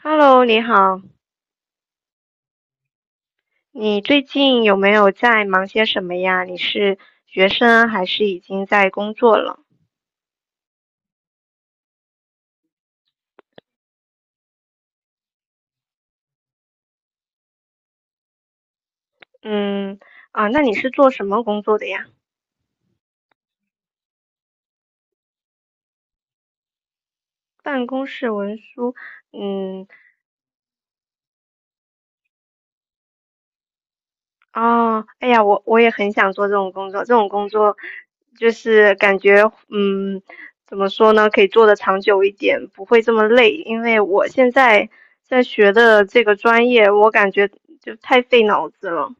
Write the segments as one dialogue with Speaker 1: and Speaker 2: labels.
Speaker 1: Hello，你好，你最近有没有在忙些什么呀？你是学生还是已经在工作了？嗯，啊，那你是做什么工作的呀？办公室文书，嗯，哦，哎呀，我也很想做这种工作，这种工作就是感觉，嗯，怎么说呢，可以做得长久一点，不会这么累，因为我现在在学的这个专业，我感觉就太费脑子了。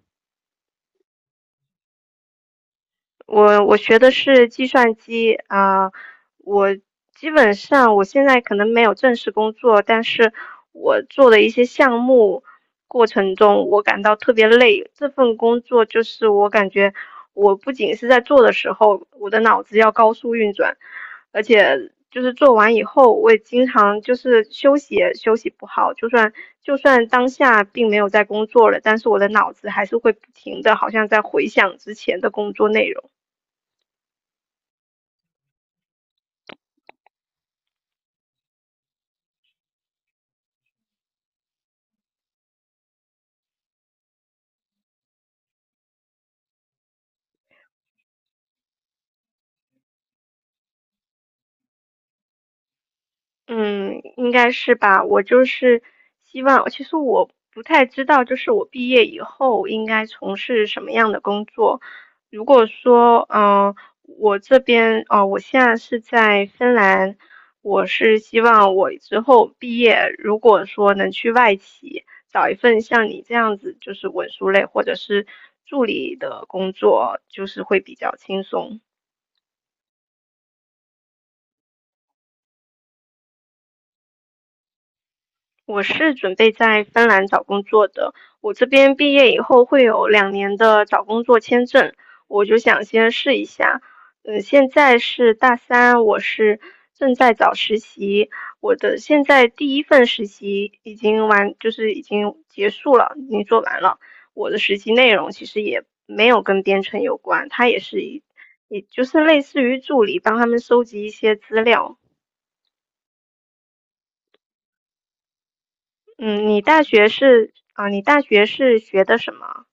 Speaker 1: 我学的是计算机啊，我基本上我现在可能没有正式工作，但是我做的一些项目过程中，我感到特别累。这份工作就是我感觉我不仅是在做的时候，我的脑子要高速运转，而且就是做完以后，我也经常就是休息也休息不好，就算当下并没有在工作了，但是我的脑子还是会不停的，好像在回想之前的工作内容。嗯，应该是吧。我就是希望，其实我不太知道，就是我毕业以后应该从事什么样的工作。如果说，我这边，哦、我现在是在芬兰，我是希望我之后毕业，如果说能去外企找一份像你这样子，就是文书类或者是助理的工作，就是会比较轻松。我是准备在芬兰找工作的，我这边毕业以后会有2年的找工作签证，我就想先试一下。嗯，现在是大三，我是正在找实习，我的现在第一份实习已经完，就是已经结束了，已经做完了。我的实习内容其实也没有跟编程有关，它也是一，也就是类似于助理，帮他们收集一些资料。嗯，你大学是啊，你大学是学的什么？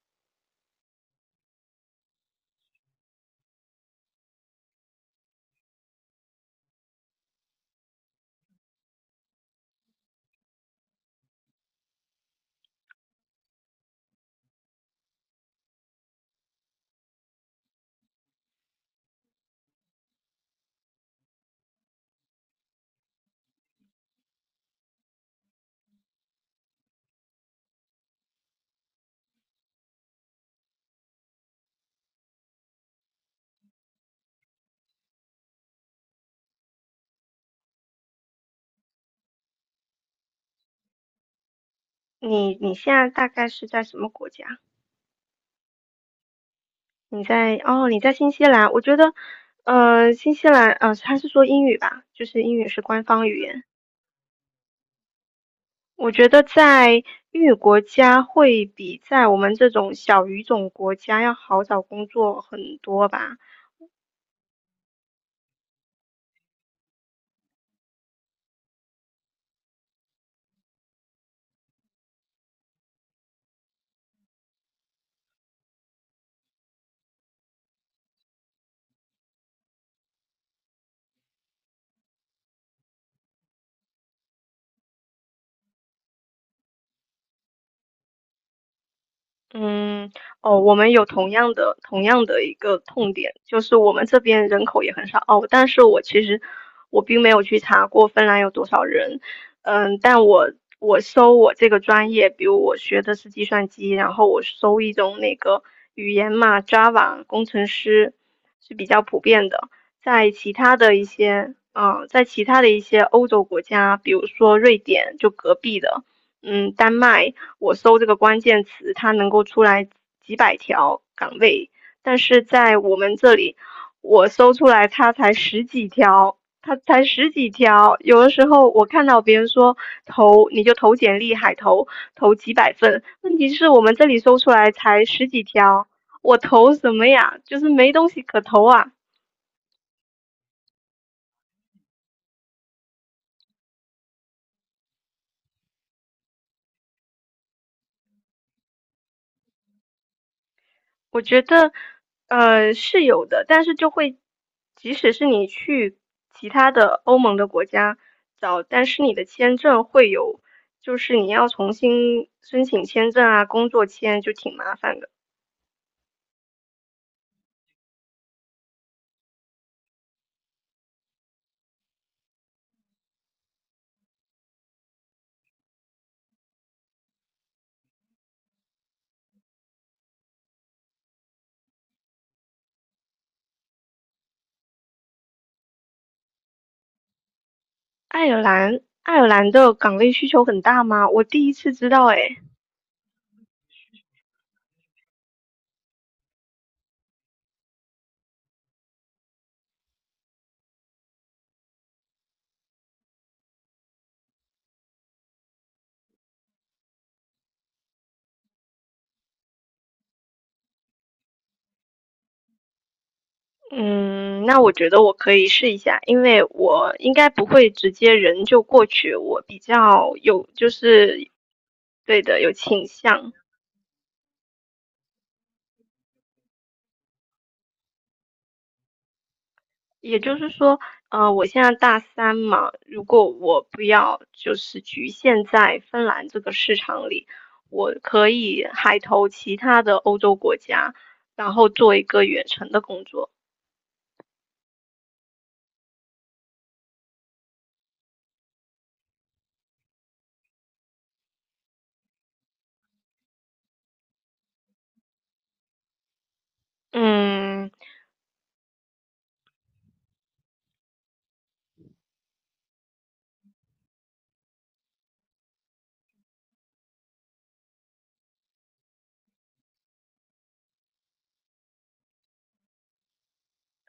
Speaker 1: 你现在大概是在什么国家？你在新西兰。我觉得，新西兰，他是说英语吧，就是英语是官方语言。我觉得在英语国家会比在我们这种小语种国家要好找工作很多吧。嗯，哦，我们有同样的一个痛点，就是我们这边人口也很少哦，但是我其实我并没有去查过芬兰有多少人，嗯，但我搜我这个专业，比如我学的是计算机，然后我搜一种那个语言嘛，Java 工程师是比较普遍的，在其他的一些欧洲国家，比如说瑞典，就隔壁的，丹麦。我搜这个关键词，它能够出来几百条岗位，但是在我们这里，我搜出来它才十几条，它才十几条。有的时候我看到别人说投，你就投简历，海投，投几百份，问题是我们这里搜出来才十几条，我投什么呀？就是没东西可投啊。我觉得，是有的，但是就会，即使是你去其他的欧盟的国家找，但是你的签证会有，就是你要重新申请签证啊，工作签就挺麻烦的。爱尔兰，爱尔兰的岗位需求很大吗？我第一次知道，诶，嗯，那我觉得我可以试一下，因为我应该不会直接人就过去，我比较有，就是，对的，有倾向。也就是说，我现在大三嘛，如果我不要就是局限在芬兰这个市场里，我可以海投其他的欧洲国家，然后做一个远程的工作。嗯，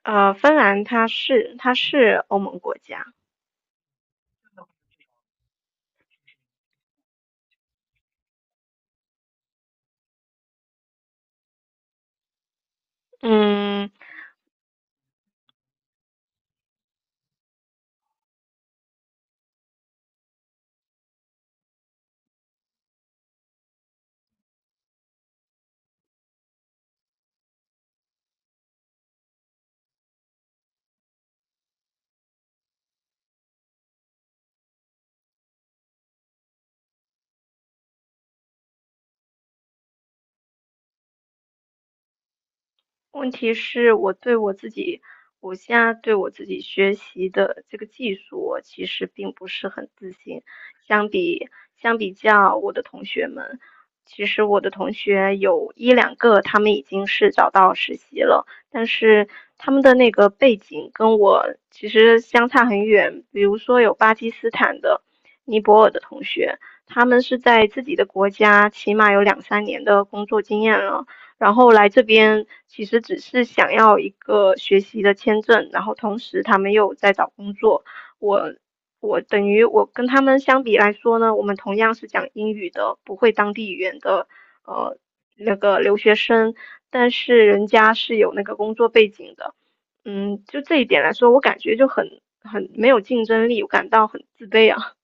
Speaker 1: 芬兰它是欧盟国家，嗯，问题是我现在对我自己学习的这个技术，我其实并不是很自信。相比相比较我的同学们，其实我的同学有一两个他们已经是找到实习了，但是他们的那个背景跟我其实相差很远。比如说有巴基斯坦的、尼泊尔的同学，他们是在自己的国家起码有两三年的工作经验了。然后来这边其实只是想要一个学习的签证，然后同时他们又在找工作。我我等于我跟他们相比来说呢，我们同样是讲英语的，不会当地语言的呃那个留学生，但是人家是有那个工作背景的。嗯，就这一点来说，我感觉就很没有竞争力，我感到很自卑啊。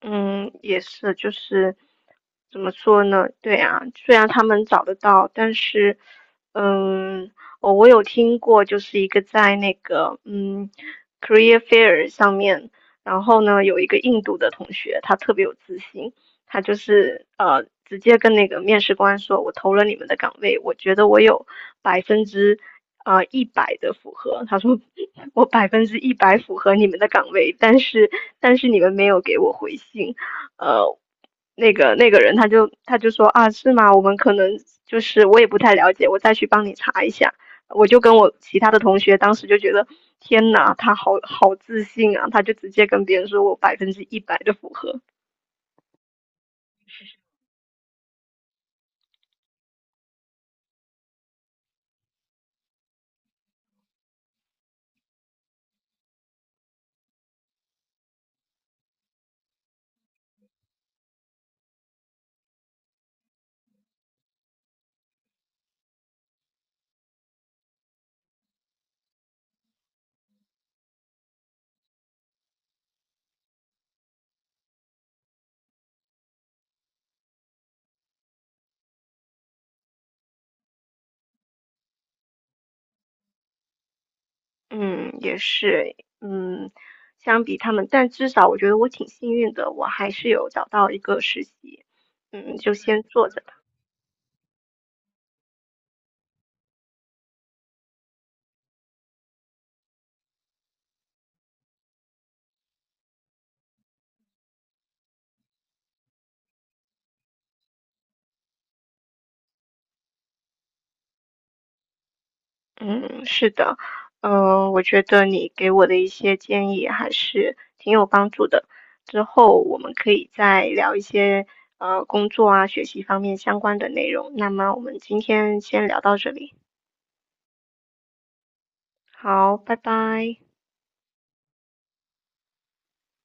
Speaker 1: 嗯，也是，就是怎么说呢？对啊，虽然他们找得到，但是，嗯，我有听过，就是一个在那个career fair 上面，然后呢，有一个印度的同学，他特别有自信，他就是直接跟那个面试官说，我投了你们的岗位，我觉得我有百分之一百的符合。他说我百分之一百符合你们的岗位，但是你们没有给我回信，呃。那个人他就说啊是吗？我们可能就是我也不太了解，我再去帮你查一下。我就跟我其他的同学当时就觉得天呐，他好好自信啊！他就直接跟别人说我百分之一百的符合，嗯，也是，相比他们，但至少我觉得我挺幸运的，我还是有找到一个实习，就先做着吧。嗯，是的，我觉得你给我的一些建议还是挺有帮助的，之后我们可以再聊一些工作啊、学习方面相关的内容。那么我们今天先聊到这里，好，拜拜。